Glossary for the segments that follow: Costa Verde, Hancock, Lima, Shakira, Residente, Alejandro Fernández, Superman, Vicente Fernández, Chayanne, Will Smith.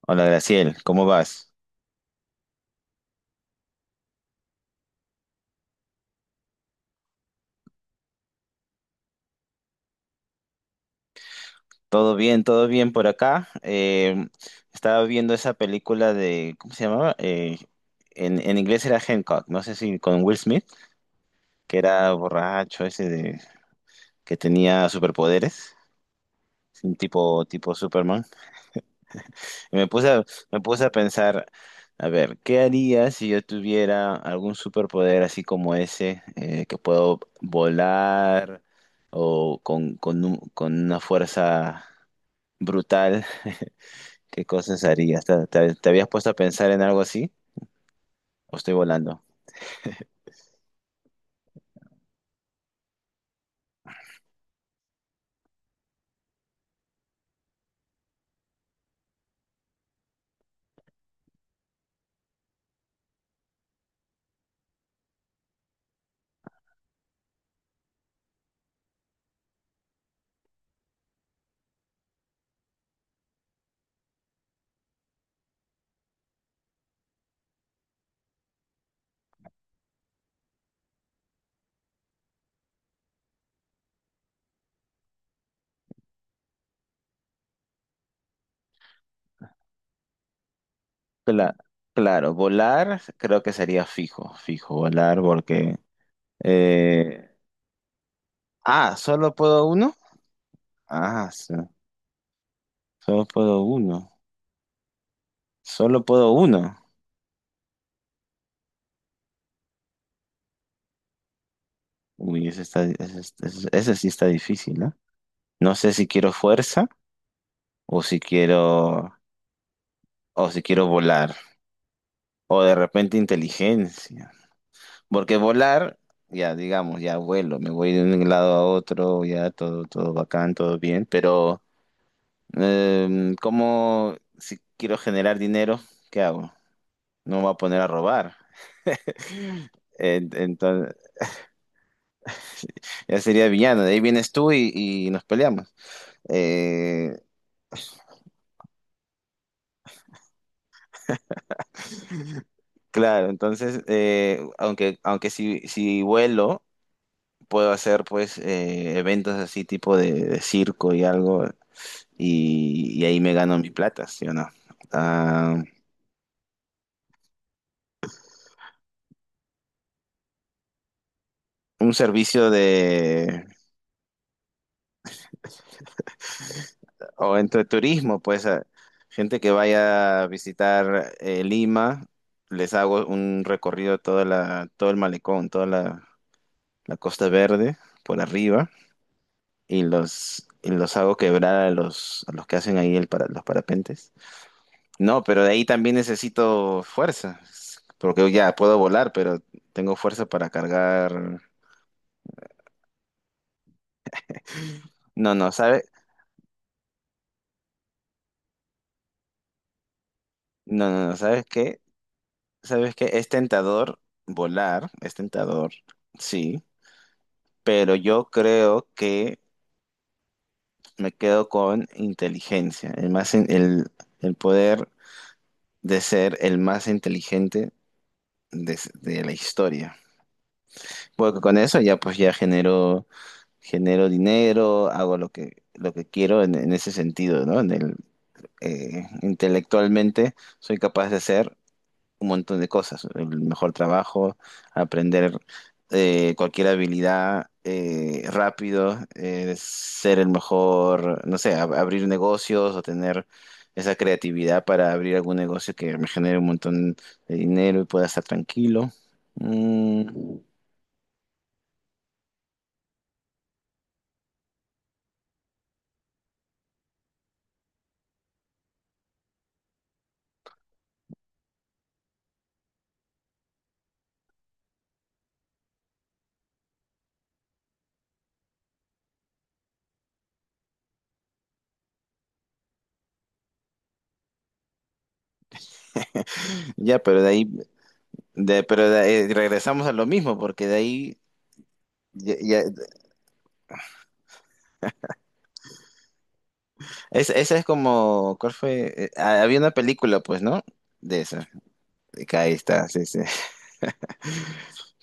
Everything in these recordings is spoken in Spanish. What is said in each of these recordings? Hola Graciel, ¿cómo vas? Todo bien por acá. Estaba viendo esa película de, ¿cómo se llamaba? En inglés era Hancock, no sé si con Will Smith, que era borracho ese de, que tenía superpoderes, un tipo, tipo Superman. Y me puse a, Me puse a pensar, a ver, ¿qué haría si yo tuviera algún superpoder así como ese, que puedo volar o con una fuerza brutal? ¿Qué cosas harías? ¿Te habías puesto a pensar en algo así? ¿O estoy volando? Cla- claro, volar creo que sería fijo, fijo, volar porque... eh, ¿solo puedo uno? Ah, so- Solo puedo uno. Solo puedo uno. Uy, ese, está, ese sí está difícil, ¿no? No sé si quiero fuerza o si quiero, o si quiero volar. O de repente inteligencia. Porque volar, ya digamos, ya vuelo, me voy de un lado a otro, ya todo, todo bacán, todo bien, pero ¿cómo si quiero generar dinero, qué hago? No me voy a poner a robar. Entonces, ya sería villano, de ahí vienes tú y nos peleamos. Eh, claro, entonces, aunque, aunque si, si vuelo, puedo hacer pues eventos así tipo de circo y algo, y ahí me gano mi plata, ¿sí o no? Ah, un servicio de o entre turismo, pues gente que vaya a visitar Lima, les hago un recorrido de toda la, todo el malecón, toda la, la Costa Verde por arriba y los hago quebrar a los que hacen ahí el para, los parapentes. No, pero de ahí también necesito fuerza, porque ya puedo volar, pero tengo fuerza para cargar. No, no, ¿sabes? No, no, no, ¿sabes qué? Sabes que es tentador volar, es tentador, sí, pero yo creo que me quedo con inteligencia, el más el poder de ser el más inteligente de, de la historia. Porque con eso ya pues ya genero, genero dinero, hago lo que quiero en ese sentido, ¿no? En el, intelectualmente soy capaz de hacer un montón de cosas, el mejor trabajo, aprender cualquier habilidad rápido, ser el mejor, no sé, abrir negocios o tener esa creatividad para abrir algún negocio que me genere un montón de dinero y pueda estar tranquilo. Mm, ya, pero de ahí, de- pero de- regresamos a lo mismo, porque de ahí... ya- ya- esa es como, ¿cuál fue? Había una película, pues, ¿no? De esa. Acá ahí está, sí, sí.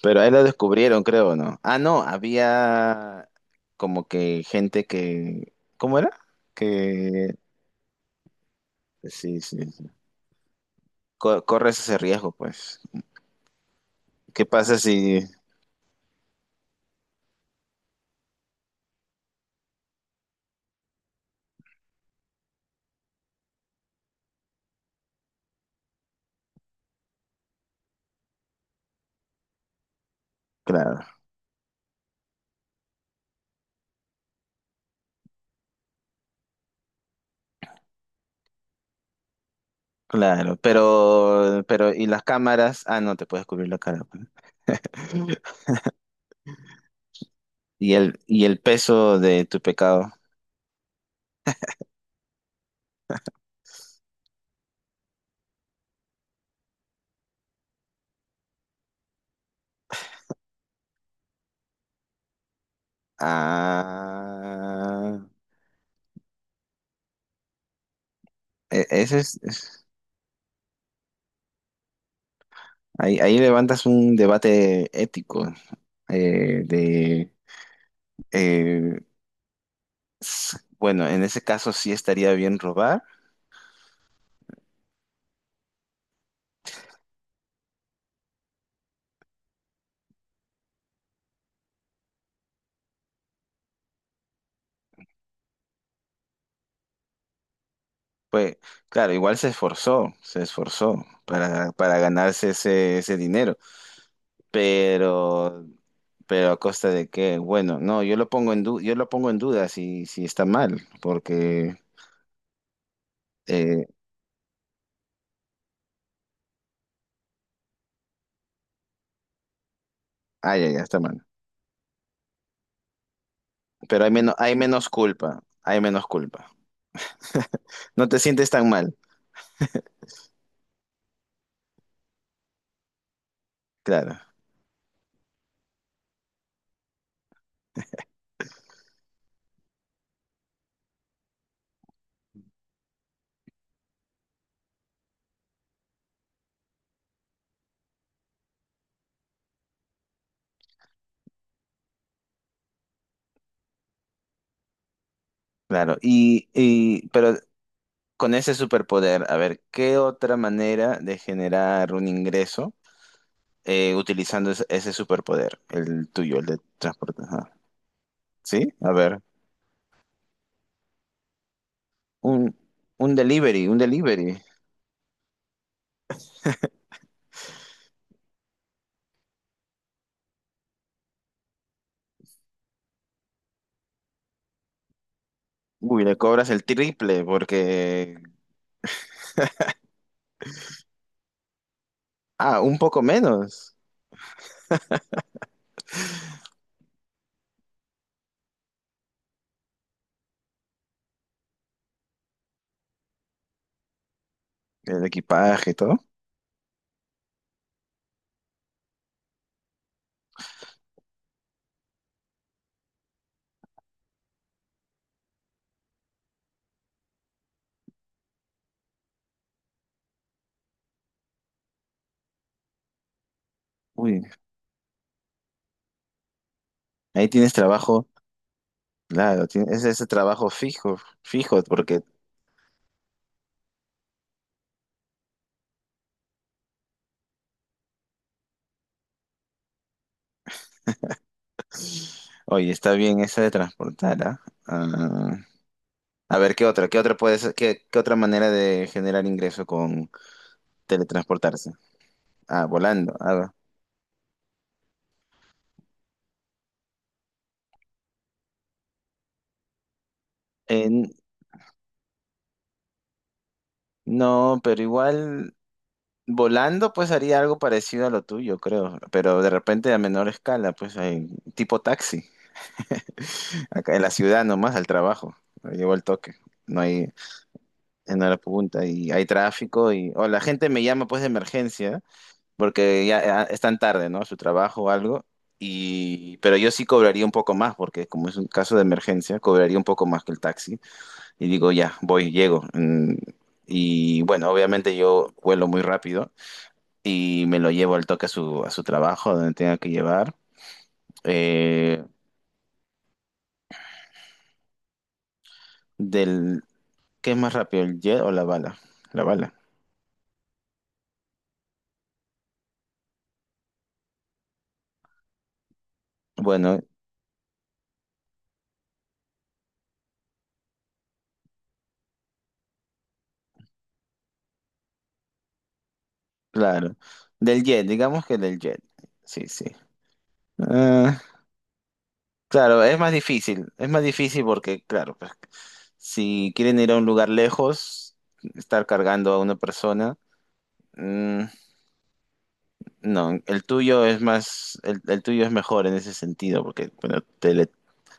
Pero ahí lo descubrieron, creo, ¿no? Ah, no, había como que gente que... ¿Cómo era? Que... Sí, sí, sí. Corres ese riesgo, pues. ¿Qué pasa si... Claro, claro. Pero, ¿y las cámaras? Ah, no, te puedes cubrir la cara, pues. Y el peso de tu pecado? Ah... e- Ese es, es- ahí, ahí levantas un debate ético de... eh, bueno, en ese caso sí estaría bien robar. Pues claro, igual se esforzó para ganarse ese, ese dinero, pero, pero a costa de que, bueno, no, yo lo pongo en yo lo pongo en duda si, si está mal, porque, eh, ya, ya está mal. Pero hay menos culpa, hay menos culpa. No te sientes tan mal, claro, claro. Y, pero con ese superpoder, a ver, ¿qué otra manera de generar un ingreso? Utilizando ese superpoder, el tuyo, el de transporte. Ajá. ¿Sí? A ver, un, un delivery. Uy, le cobras el triple porque... Ah, un poco menos, el equipaje y todo. Uy, ahí tienes trabajo, claro, tienes ese, ese trabajo fijo, fijo, porque, oye, está bien esa de transportar, ¿ah? Ah, a ver, ¿qué otra? ¿Qué otra puede ser? ¿Qué otra manera de generar ingreso con teletransportarse? Ah, volando. Ah, va. En- No, pero igual volando pues haría algo parecido a lo tuyo, creo, pero de repente a menor escala, pues hay tipo taxi, acá en la ciudad nomás al trabajo, llevo el toque, no hay en la punta y hay tráfico y o la gente me llama pues de emergencia porque ya ya están tarde, ¿no? A su trabajo o algo y pero yo sí cobraría un poco más porque como es un caso de emergencia, cobraría un poco más que el taxi y digo, ya, voy, llego. Mm, y bueno, obviamente yo vuelo muy rápido y me lo llevo al toque a su trabajo, donde tenga que llevar. Eh, del, ¿Qué es más rápido, el jet o la bala? La bala. Bueno, claro. Del jet, digamos que del jet. Sí, sí. Ah, claro, es más difícil. Es más difícil porque, claro, pues, si quieren ir a un lugar lejos, estar cargando a una persona. mm, no, el tuyo es más, el tuyo es mejor en ese sentido, porque bueno,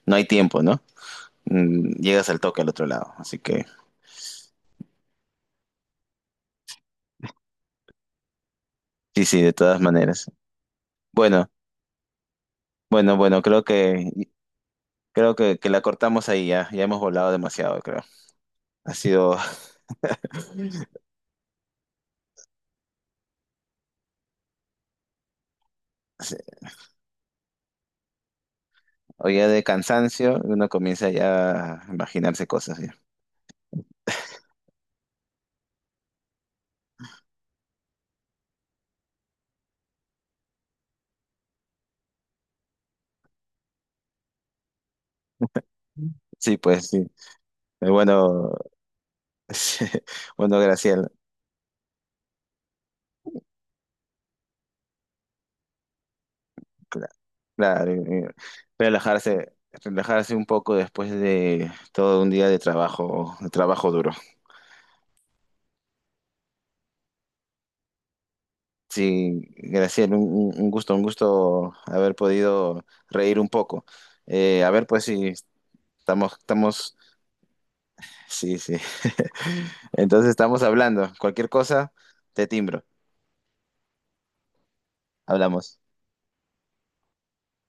no hay tiempo, no mm, llegas al toque al otro lado. Así que sí, sí, de todas maneras. Bueno, bueno, bueno, creo que la cortamos ahí ya. Ya hemos volado demasiado, creo. Ha sido o ya de cansancio, uno comienza ya a imaginarse cosas ya. Sí, pues sí. Bueno, bueno, Graciela, cla- claro, relajarse, relajarse un poco después de todo un día de trabajo duro. Sí, Graciela, un, un gusto haber podido reír un poco. A ver, pues si estamos, estamos, sí, sí. Entonces estamos hablando. Cualquier cosa, te timbro. Hablamos.